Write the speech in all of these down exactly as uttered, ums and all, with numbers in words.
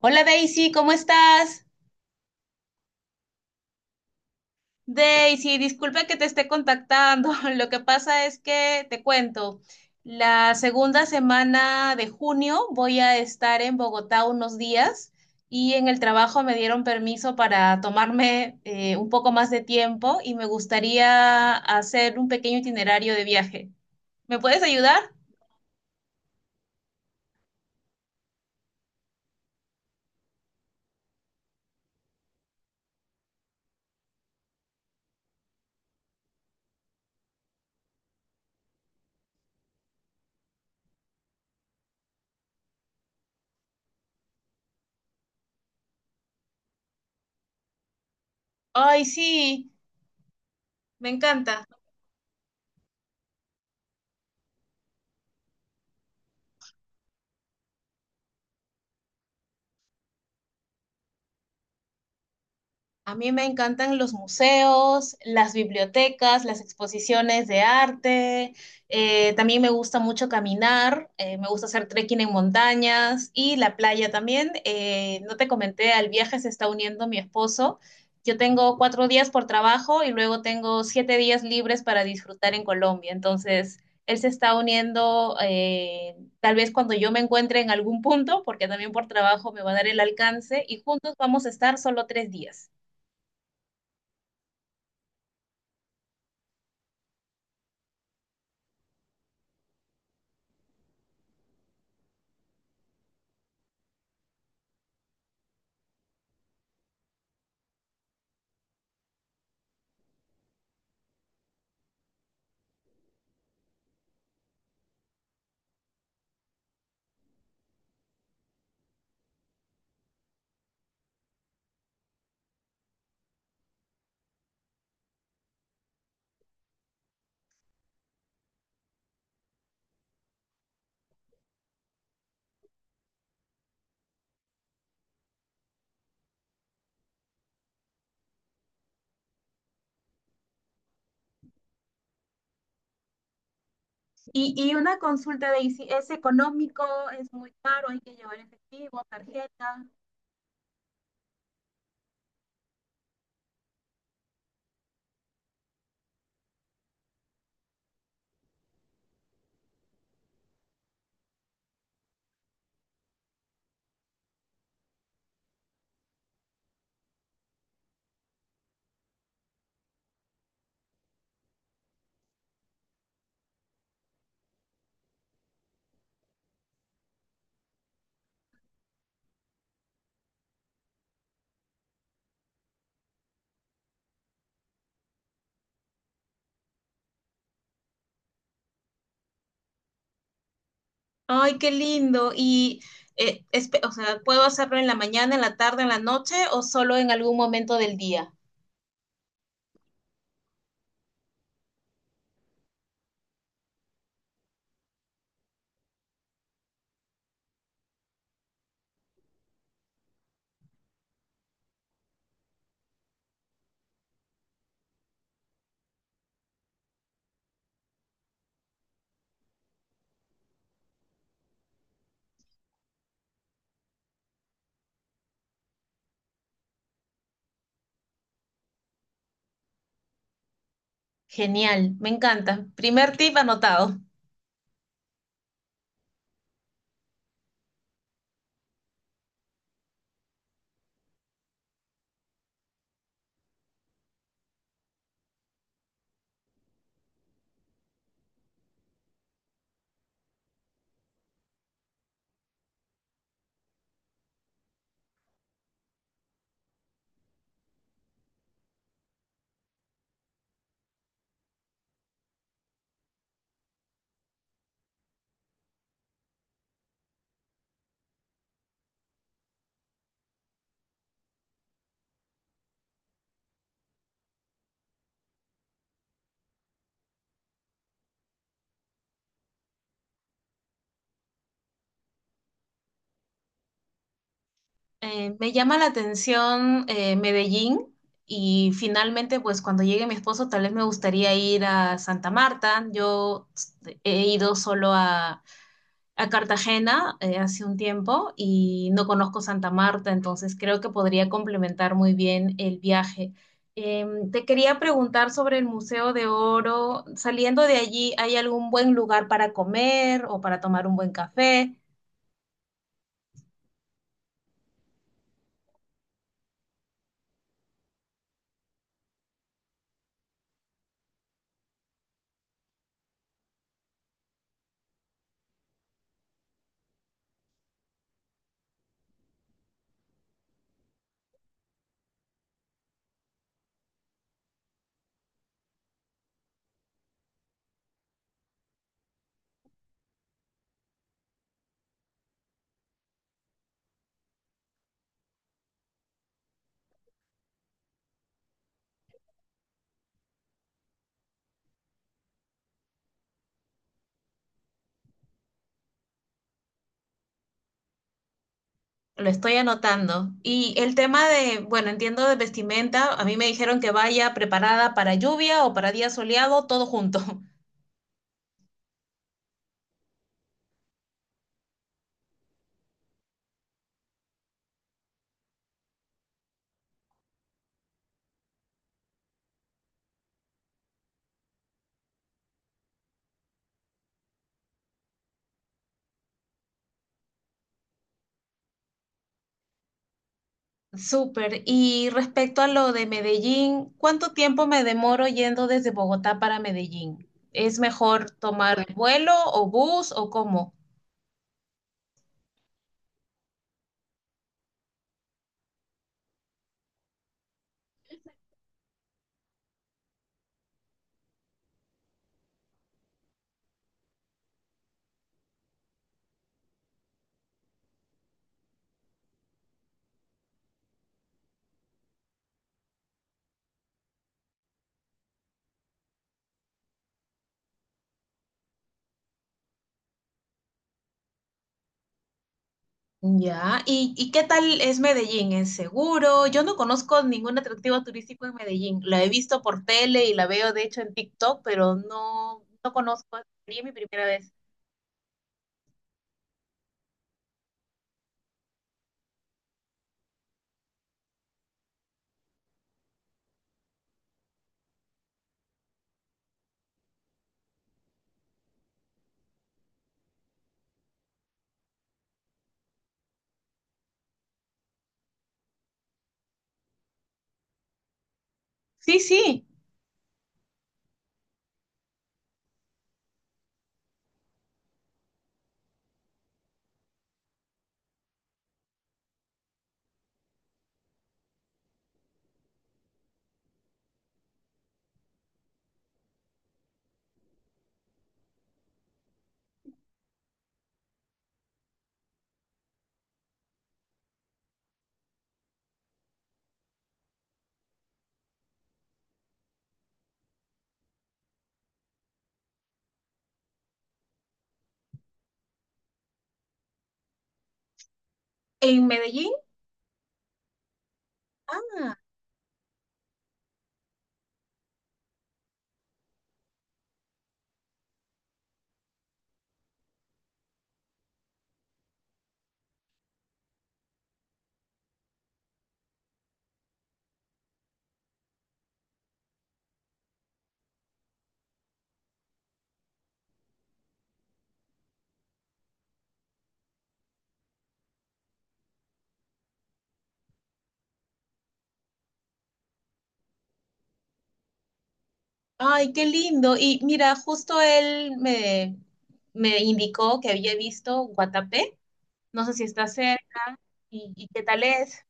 Hola, Daisy, ¿cómo estás? Daisy, disculpa que te esté contactando. Lo que pasa es que te cuento, la segunda semana de junio voy a estar en Bogotá unos días y en el trabajo me dieron permiso para tomarme eh, un poco más de tiempo y me gustaría hacer un pequeño itinerario de viaje. ¿Me puedes ayudar? Ay, sí, me encanta. A mí me encantan los museos, las bibliotecas, las exposiciones de arte. Eh, también me gusta mucho caminar, eh, me gusta hacer trekking en montañas y la playa también. Eh, no te comenté, al viaje se está uniendo mi esposo. Yo tengo cuatro días por trabajo y luego tengo siete días libres para disfrutar en Colombia. Entonces, él se está uniendo eh, tal vez cuando yo me encuentre en algún punto, porque también por trabajo me va a dar el alcance y juntos vamos a estar solo tres días. Y, y una consulta de si es económico, es muy caro, hay que llevar efectivo, tarjeta. Ay, qué lindo. Y, eh, espe- o sea, ¿puedo hacerlo en la mañana, en la tarde, en la noche o solo en algún momento del día? Genial, me encanta. Primer tip anotado. Eh, me llama la atención eh, Medellín y finalmente, pues cuando llegue mi esposo, tal vez me gustaría ir a Santa Marta. Yo he ido solo a, a Cartagena eh, hace un tiempo y no conozco Santa Marta, entonces creo que podría complementar muy bien el viaje. Em, te quería preguntar sobre el Museo de Oro. Saliendo de allí, ¿hay algún buen lugar para comer o para tomar un buen café? Lo estoy anotando. Y el tema de, bueno, entiendo de vestimenta, a mí me dijeron que vaya preparada para lluvia o para día soleado, todo junto. Súper. Y respecto a lo de Medellín, ¿cuánto tiempo me demoro yendo desde Bogotá para Medellín? ¿Es mejor tomar? Bueno, ¿vuelo o bus o cómo? Ya. ¿Y, y qué tal es Medellín? ¿Es seguro? Yo no conozco ningún atractivo turístico en Medellín. La he visto por tele y la veo de hecho en TikTok, pero no, no conozco. Sería mi primera vez. Sí, sí, en Medellín. Ah, ay, qué lindo. Y mira, justo él me, me indicó que había visto Guatapé. No sé si está cerca. ¿Y, y qué tal es?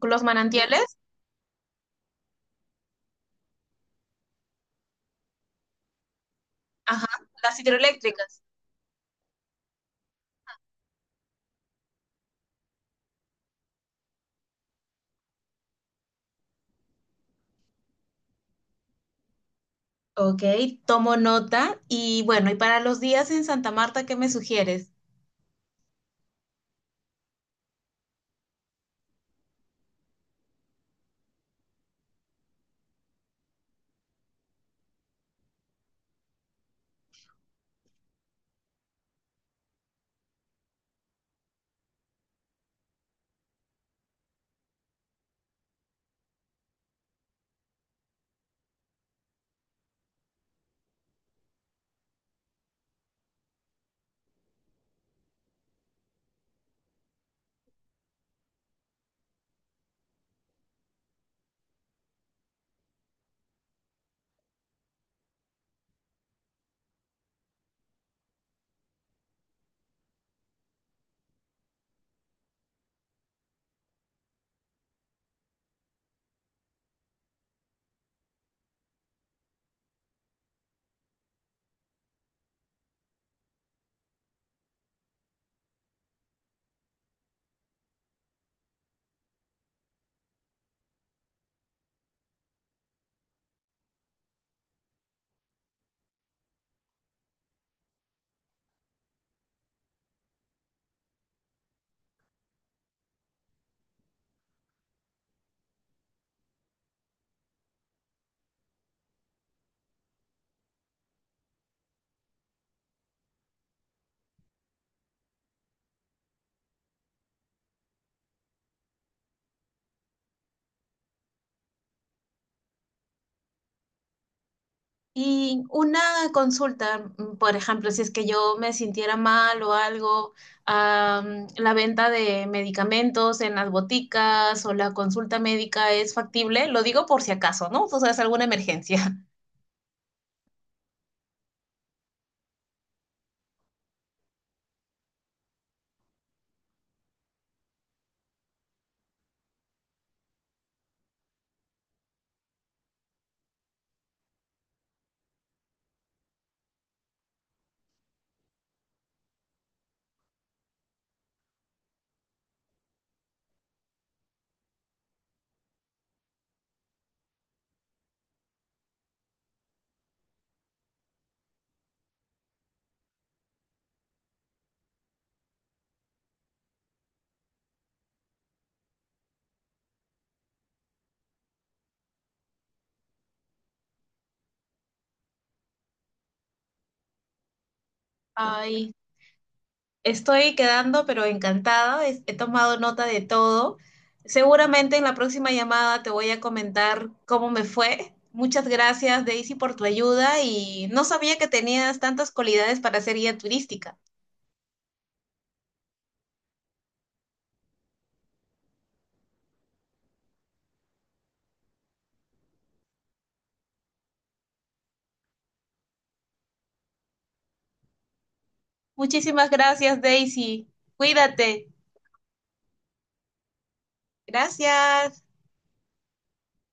¿Los manantiales? Ajá, las hidroeléctricas. Ok, tomo nota. Y bueno, ¿y para los días en Santa Marta, qué me sugieres? Y una consulta, mm, por ejemplo, si es que yo me sintiera mal o algo, am, la venta de medicamentos en las boticas o la consulta médica es factible, lo digo por si acaso, ¿no? O sea, es alguna emergencia. Ay, estoy quedando, pero encantada, es- he tomado nota de todo. Seguramente en la próxima llamada te voy a comentar cómo me fue. Muchas gracias, Daisy, por tu ayuda y no sabía que tenías tantas cualidades para ser guía turística. Muchísimas gracias, Daisy. Cuídate. Gracias.